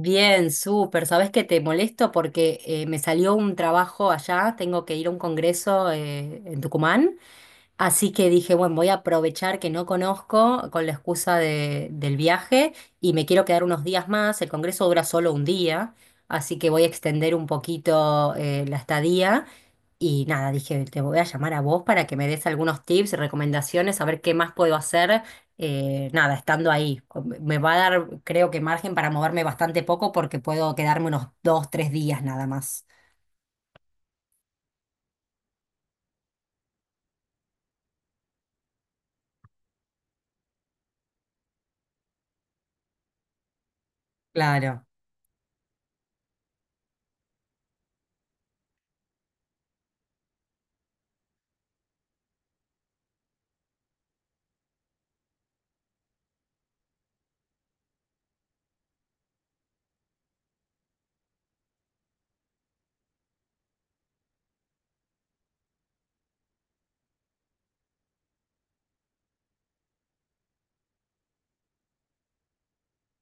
Bien, súper. Sabes que te molesto porque me salió un trabajo allá, tengo que ir a un congreso en Tucumán. Así que dije, bueno, voy a aprovechar que no conozco con la excusa del viaje y me quiero quedar unos días más. El congreso dura solo un día, así que voy a extender un poquito la estadía. Y nada, dije, te voy a llamar a vos para que me des algunos tips, recomendaciones, a ver qué más puedo hacer, nada, estando ahí. Me va a dar, creo que margen para moverme bastante poco porque puedo quedarme unos dos, tres días nada más. Claro.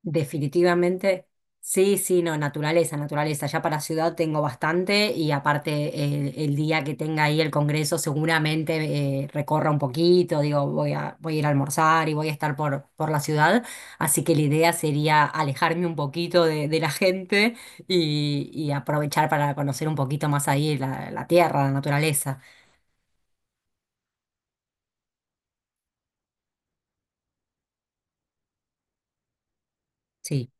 Definitivamente, sí, sí, no, naturaleza, naturaleza. Ya para ciudad tengo bastante y aparte el día que tenga ahí el congreso seguramente recorra un poquito, digo, voy a ir a almorzar y voy a estar por la ciudad, así que la idea sería alejarme un poquito de la gente y aprovechar para conocer un poquito más ahí la tierra, la naturaleza. Sí.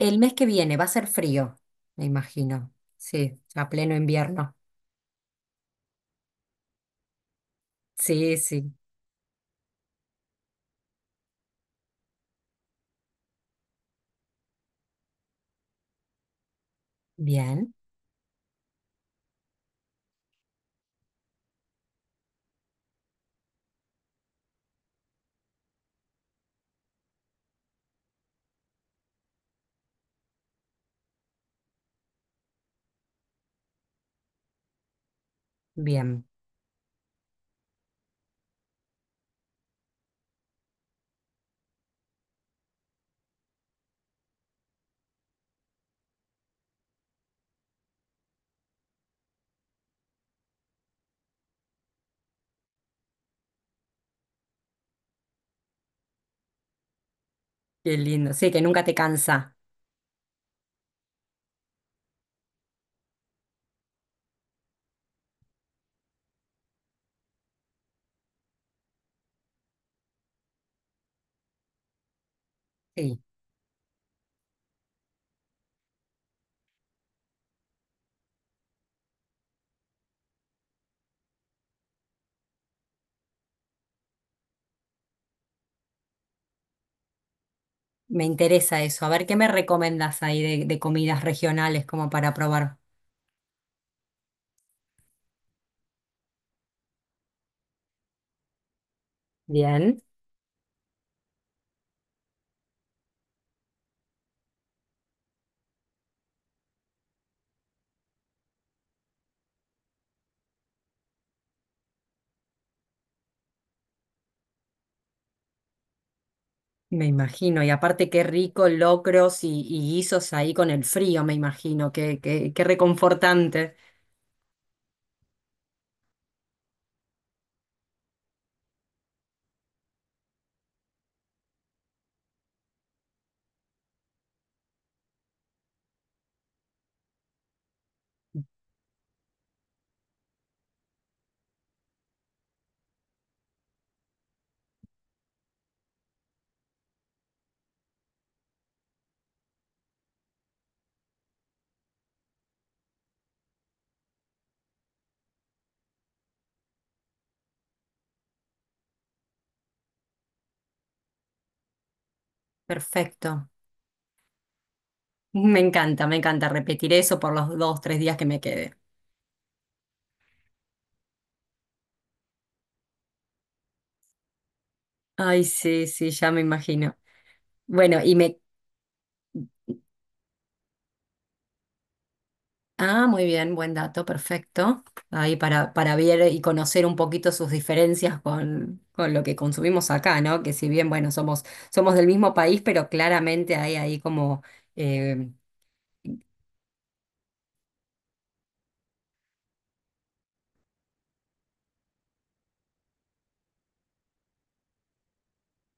El mes que viene va a ser frío, me imagino. Sí, a pleno invierno. Sí, sí. Bien, bien. Qué lindo. Sí, que nunca te cansa. Sí, me interesa eso. A ver, ¿qué me recomiendas ahí de comidas regionales como para probar? Bien, me imagino. Y aparte, qué rico locros y guisos ahí con el frío, me imagino. Qué reconfortante. Perfecto. Me encanta repetir eso por los dos, tres días que me quede. Ay, sí, sí, ya me imagino. Bueno, y me Ah, muy bien, buen dato, perfecto. Ahí para ver y conocer un poquito sus diferencias con lo que consumimos acá, ¿no? Que si bien, bueno, somos, somos del mismo país, pero claramente hay ahí como eh,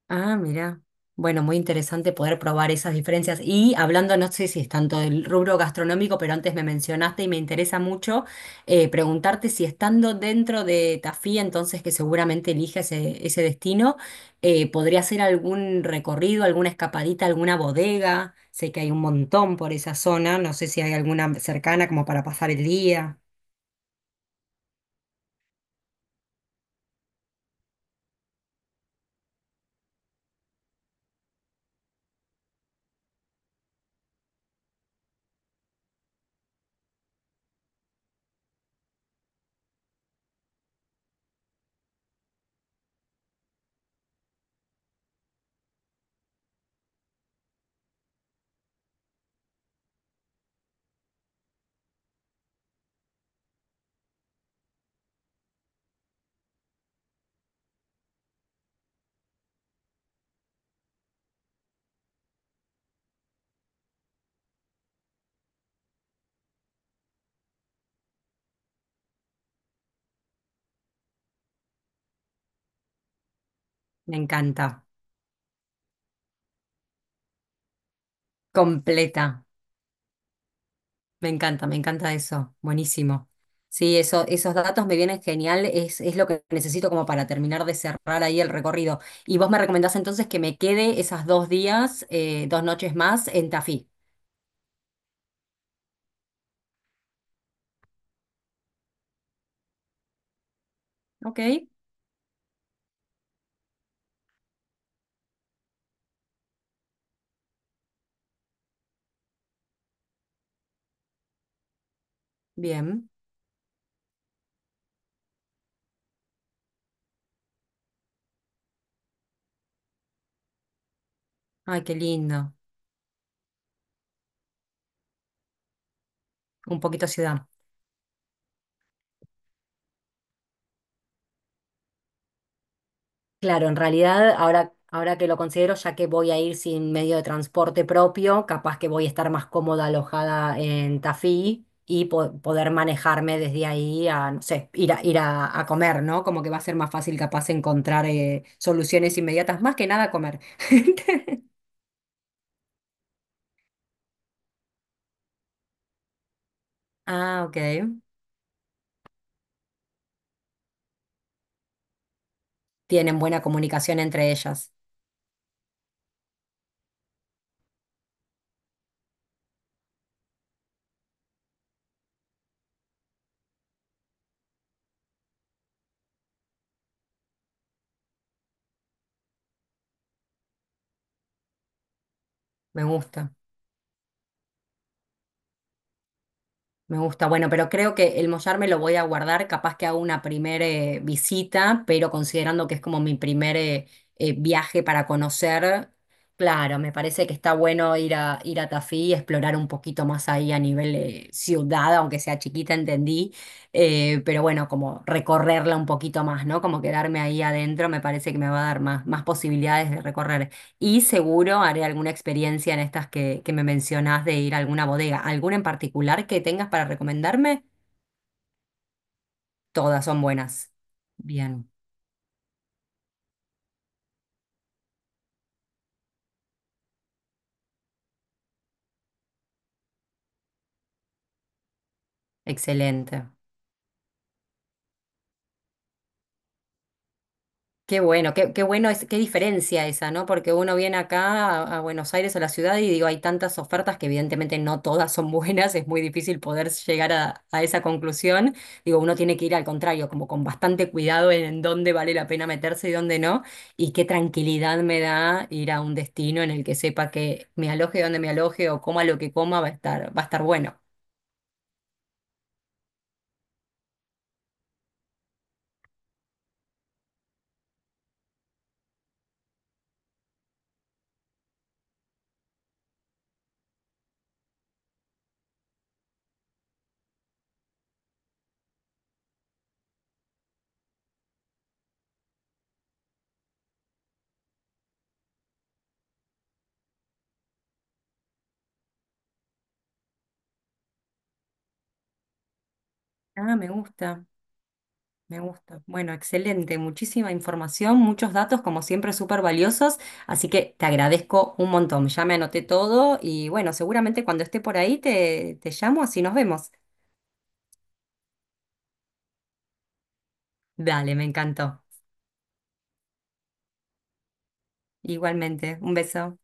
Ah, mira. Bueno, muy interesante poder probar esas diferencias. Y hablando, no sé si es tanto del rubro gastronómico, pero antes me mencionaste y me interesa mucho preguntarte si estando dentro de Tafí, entonces que seguramente elige ese destino, ¿podría hacer algún recorrido, alguna escapadita, alguna bodega? Sé que hay un montón por esa zona, no sé si hay alguna cercana como para pasar el día. Me encanta. Completa. Me encanta eso. Buenísimo. Sí, eso, esos datos me vienen genial. Es lo que necesito como para terminar de cerrar ahí el recorrido. Y vos me recomendás entonces que me quede esas dos días, dos noches más en Tafí. Ok, bien. Ay, qué lindo. Un poquito ciudad. Claro, en realidad, ahora, ahora que lo considero, ya que voy a ir sin medio de transporte propio, capaz que voy a estar más cómoda alojada en Tafí y poder manejarme desde ahí a, no sé, ir a, ir a comer, ¿no? Como que va a ser más fácil capaz encontrar soluciones inmediatas, más que nada comer. Ah, ok. Tienen buena comunicación entre ellas. Me gusta. Me gusta, bueno, pero creo que el mollar me lo voy a guardar, capaz que hago una primera visita, pero considerando que es como mi primer viaje para conocer, claro, me parece que está bueno ir a, ir a Tafí y explorar un poquito más ahí a nivel ciudad, aunque sea chiquita, entendí, pero bueno, como recorrerla un poquito más, ¿no? Como quedarme ahí adentro, me parece que me va a dar más, más posibilidades de recorrer. Y seguro haré alguna experiencia en estas que me mencionás de ir a alguna bodega. ¿Alguna en particular que tengas para recomendarme? Todas son buenas. Bien, excelente. Qué bueno, qué bueno es, qué diferencia esa, ¿no? Porque uno viene acá a Buenos Aires o la ciudad y digo, hay tantas ofertas que evidentemente no todas son buenas, es muy difícil poder llegar a esa conclusión. Digo, uno tiene que ir al contrario, como con bastante cuidado en dónde vale la pena meterse y dónde no. Y qué tranquilidad me da ir a un destino en el que sepa que me aloje donde me aloje o coma lo que coma, va a estar bueno. Ah, me gusta. Me gusta. Bueno, excelente. Muchísima información, muchos datos, como siempre, súper valiosos. Así que te agradezco un montón. Ya me anoté todo y bueno, seguramente cuando esté por ahí te, te llamo, así nos vemos. Dale, me encantó. Igualmente, un beso.